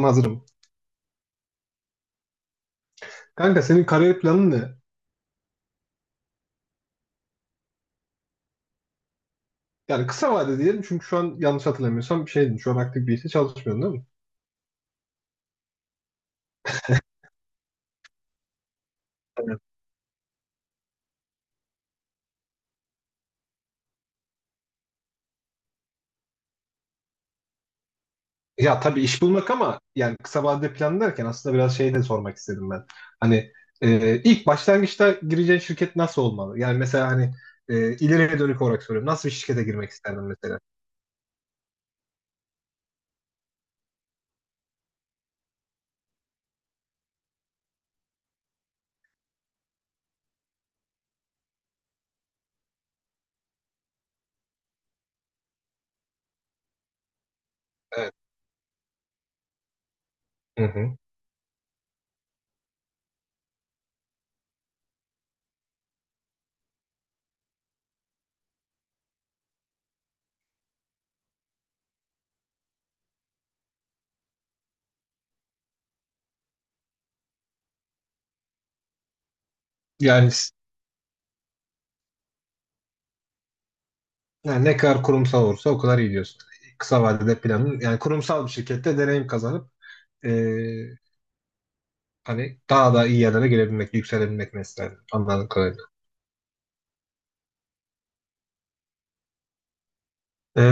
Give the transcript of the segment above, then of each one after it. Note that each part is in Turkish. Hazırım. Kanka senin kariyer planın ne? Yani kısa vade diyelim çünkü şu an yanlış hatırlamıyorsam bir şeydin. Şu an aktif bir işte çalışmıyorsun değil mi? Evet. Ya tabii iş bulmak ama yani kısa vadede plan derken aslında biraz şey de sormak istedim ben. Hani ilk başlangıçta gireceğin şirket nasıl olmalı? Yani mesela hani ileriye dönük olarak soruyorum. Nasıl bir şirkete girmek isterdin mesela? Evet. Hı hı. Yani, s- yani ne kadar kurumsal olursa o kadar iyi diyorsun. Kısa vadede planın yani kurumsal bir şirkette deneyim kazanıp e, hani daha da iyi yerlere gelebilmek, yükselebilmek mesela anladığım kadarıyla. Ee,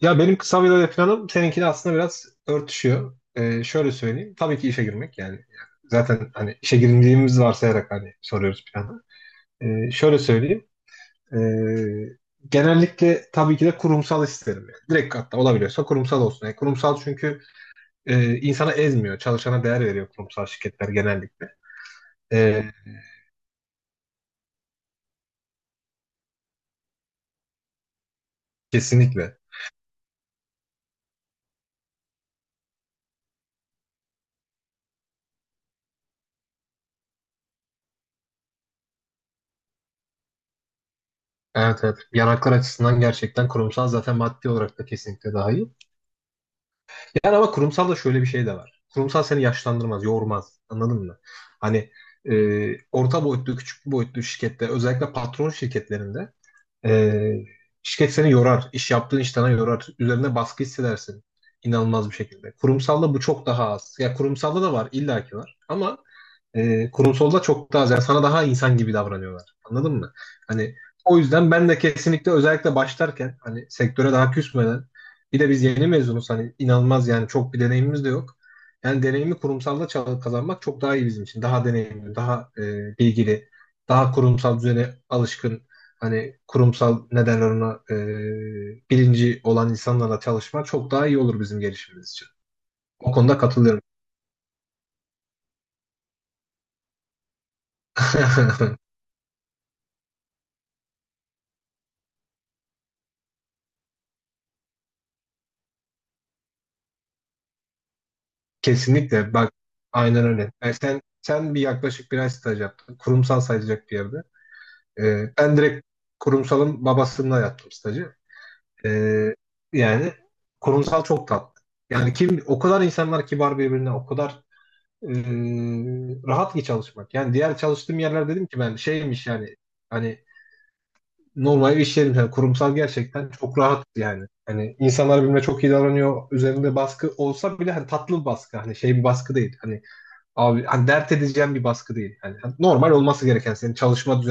ya benim kısa vade planım seninkiyle aslında biraz örtüşüyor. Şöyle söyleyeyim. Tabii ki işe girmek yani. Zaten hani işe girdiğimiz varsayarak hani soruyoruz planı. Şöyle söyleyeyim. Ee, genellikle tabii ki de kurumsal isterim. Yani. Direkt hatta olabiliyorsa kurumsal olsun. Yani kurumsal çünkü insana ezmiyor. Çalışana değer veriyor kurumsal şirketler genellikle. Ee, kesinlikle. Evet evet. Yanaklar açısından gerçekten kurumsal zaten maddi olarak da kesinlikle daha iyi. Yani ama kurumsal da şöyle bir şey de var. Kurumsal seni yaşlandırmaz, yormaz. Anladın mı? Hani e, orta boyutlu, küçük boyutlu şirkette özellikle patron şirketlerinde ee, şirket seni yorar. İş yaptığın iş sana yorar. Üzerine baskı hissedersin. İnanılmaz bir şekilde. Kurumsalda bu çok daha az. Ya kurumsalda da var, illaki var. Ama kurumsalda çok daha az. Yani sana daha insan gibi davranıyorlar. Anladın mı? Hani o yüzden ben de kesinlikle özellikle başlarken hani sektöre daha küsmeden bir de biz yeni mezunuz hani inanılmaz yani çok bir deneyimimiz de yok. Yani deneyimi kurumsalda kazanmak çok daha iyi bizim için. Daha deneyimli, daha bilgili, daha kurumsal düzene alışkın hani kurumsal ne derler ona bilinci olan insanlarla çalışma çok daha iyi olur bizim gelişimimiz için. O konuda katılıyorum. Kesinlikle. Bak aynen öyle. Yani sen bir yaklaşık bir ay staj yaptın. Kurumsal sayılacak bir yerde. E, ben direkt kurumsalın babasında yaptım stajı. E, yani kurumsal çok tatlı. Yani kim o kadar insanlar kibar birbirine o kadar e, rahat ki çalışmak. Yani diğer çalıştığım yerler dedim ki ben şeymiş yani hani normal iş yerim yani kurumsal gerçekten çok rahat yani. Hani insanlar birbirine çok iyi davranıyor. Üzerinde baskı olsa bile hani tatlı bir baskı. Hani şey bir baskı değil. Hani abi hani dert edeceğim bir baskı değil. Hani normal olması gereken senin çalışma.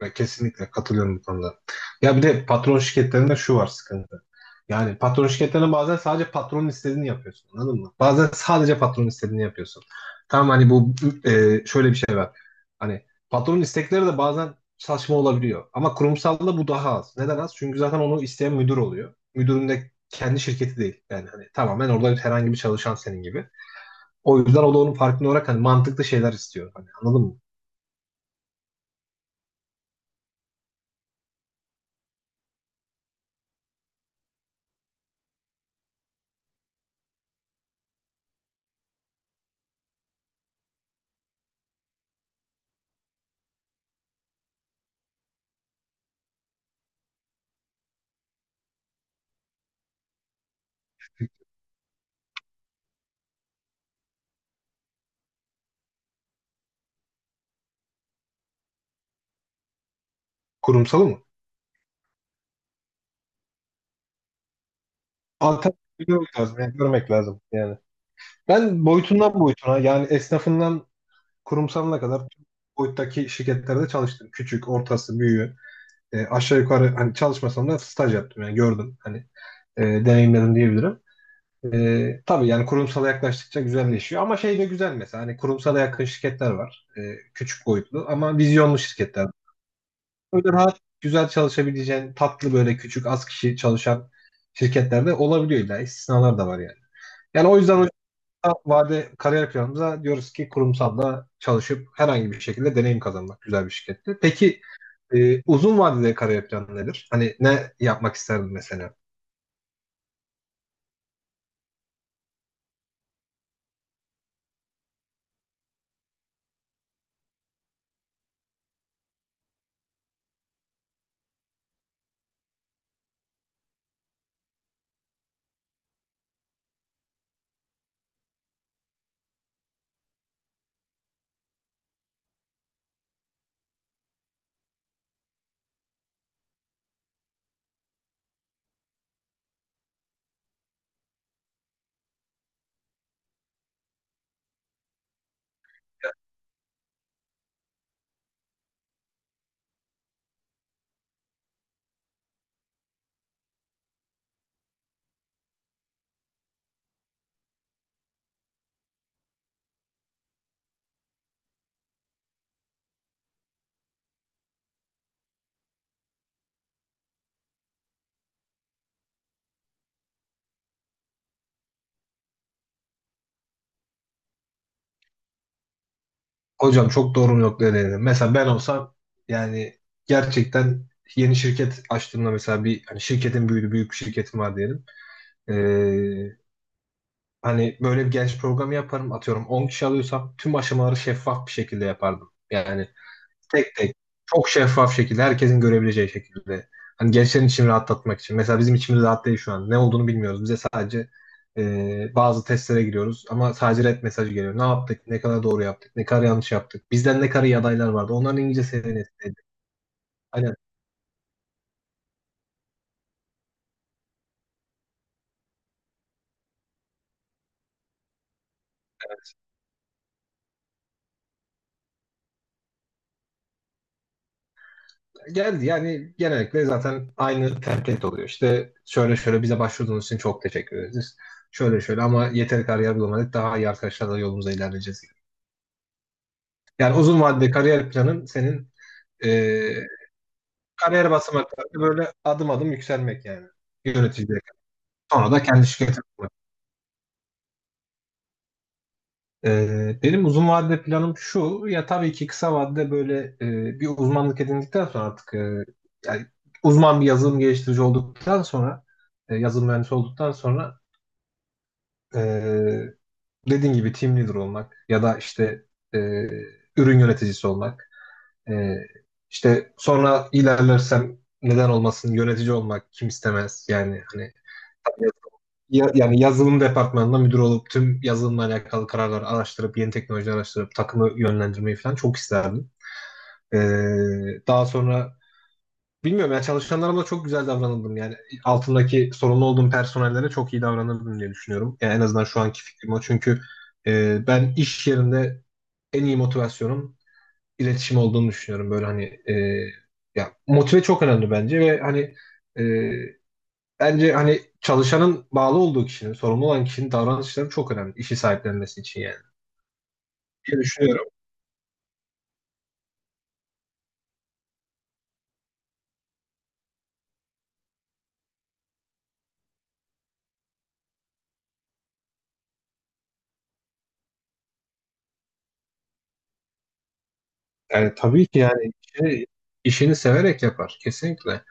Ben kesinlikle katılıyorum bu konuda. Ya bir de patron şirketlerinde şu var sıkıntı. Yani patron şirketlerinde bazen sadece patronun istediğini yapıyorsun. Anladın mı? Bazen sadece patronun istediğini yapıyorsun. Tamam hani bu şöyle bir şey var. Hani patronun istekleri de bazen saçma olabiliyor. Ama kurumsalda bu daha az. Neden az? Çünkü zaten onu isteyen müdür oluyor. Müdürün de kendi şirketi değil. Yani hani tamamen orada herhangi bir çalışan senin gibi. O yüzden o da onun farkında olarak hani mantıklı şeyler istiyor. Hani anladın mı? Kurumsalı mı? Alternatif görmek lazım. Yani görmek lazım yani. Ben boyutundan boyutuna yani esnafından kurumsalına kadar tüm boyuttaki şirketlerde çalıştım. Küçük, ortası, büyüğü. E, aşağı yukarı hani çalışmasam da staj yaptım yani gördüm. Hani deneyimledim diyebilirim. E, tabii yani kurumsala yaklaştıkça güzelleşiyor. Ama şey de güzel mesela hani kurumsala yakın şirketler var. E, küçük boyutlu ama vizyonlu şirketler. Böyle rahat, güzel çalışabileceğin tatlı böyle küçük az kişi çalışan şirketlerde olabiliyor. İlla istisnalar da var yani. Yani o yüzden kısa vade kariyer planımıza diyoruz ki kurumsalla çalışıp herhangi bir şekilde deneyim kazanmak güzel bir şirkette. Peki uzun vadede kariyer planı nedir? Hani ne yapmak isterdin mesela? Hocam çok doğru bir noktaya değindin. Mesela ben olsam yani gerçekten yeni şirket açtığımda mesela bir hani şirketin büyüdü büyük bir şirketim var diyelim. Ee, hani böyle bir genç programı yaparım atıyorum 10 kişi alıyorsam tüm aşamaları şeffaf bir şekilde yapardım. Yani tek tek. Çok şeffaf şekilde, herkesin görebileceği şekilde. Hani gençlerin içini rahatlatmak için. Mesela bizim içimiz rahat değil şu an. Ne olduğunu bilmiyoruz. Bize sadece bazı testlere giriyoruz ama sadece red mesajı geliyor. Ne yaptık? Ne kadar doğru yaptık? Ne kadar yanlış yaptık? Bizden ne kadar iyi adaylar vardı? Onların İngilizce seviyesindeydi. Aynen. Geldi yani genellikle zaten aynı template oluyor. İşte şöyle şöyle bize başvurduğunuz için çok teşekkür ederiz. Şöyle şöyle ama yeteri kariyer bulamadık. Daha iyi arkadaşlarla yolumuza ilerleyeceğiz. Yani uzun vadede kariyer planın senin e, kariyer basamakları böyle adım adım yükselmek yani. Yöneticiye kadar. Sonra da kendi şirketi kurmak. Benim uzun vadede planım şu. Ya tabii ki kısa vadede böyle bir uzmanlık edindikten sonra artık yani uzman bir yazılım geliştirici olduktan sonra yazılım mühendisi olduktan sonra e, dediğin gibi team leader olmak ya da işte e, ürün yöneticisi olmak. E, işte sonra ilerlersem neden olmasın yönetici olmak kim istemez yani hani yani yazılım departmanında müdür olup tüm yazılımla alakalı kararları araştırıp yeni teknoloji araştırıp takımı yönlendirmeyi falan çok isterdim. Ee, daha sonra bilmiyorum ya çalışanlarıma çok güzel davranıldım. Yani altındaki sorumlu olduğum personellere çok iyi davranırdım diye düşünüyorum. Yani en azından şu anki fikrim o. Çünkü ben iş yerinde en iyi motivasyonum iletişim olduğunu düşünüyorum. Böyle hani ya motive çok önemli bence ve hani e, bence hani çalışanın bağlı olduğu kişinin, sorumlu olan kişinin davranışları çok önemli. İşi sahiplenmesi için yani. Diye düşünüyorum. Yani tabii ki yani işini severek yapar. Kesinlikle.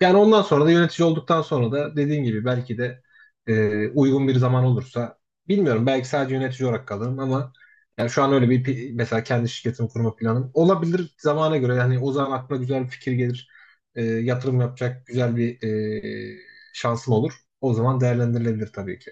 Yani ondan sonra da yönetici olduktan sonra da dediğin gibi belki de uygun bir zaman olursa bilmiyorum belki sadece yönetici olarak kalırım ama yani şu an öyle mesela kendi şirketimi kurma planım olabilir zamana göre yani o zaman aklıma güzel bir fikir gelir. E, yatırım yapacak güzel bir şansım olur. O zaman değerlendirilebilir tabii ki.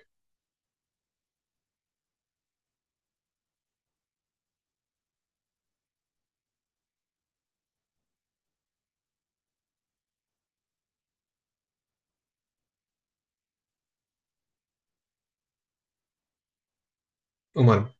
Umarım.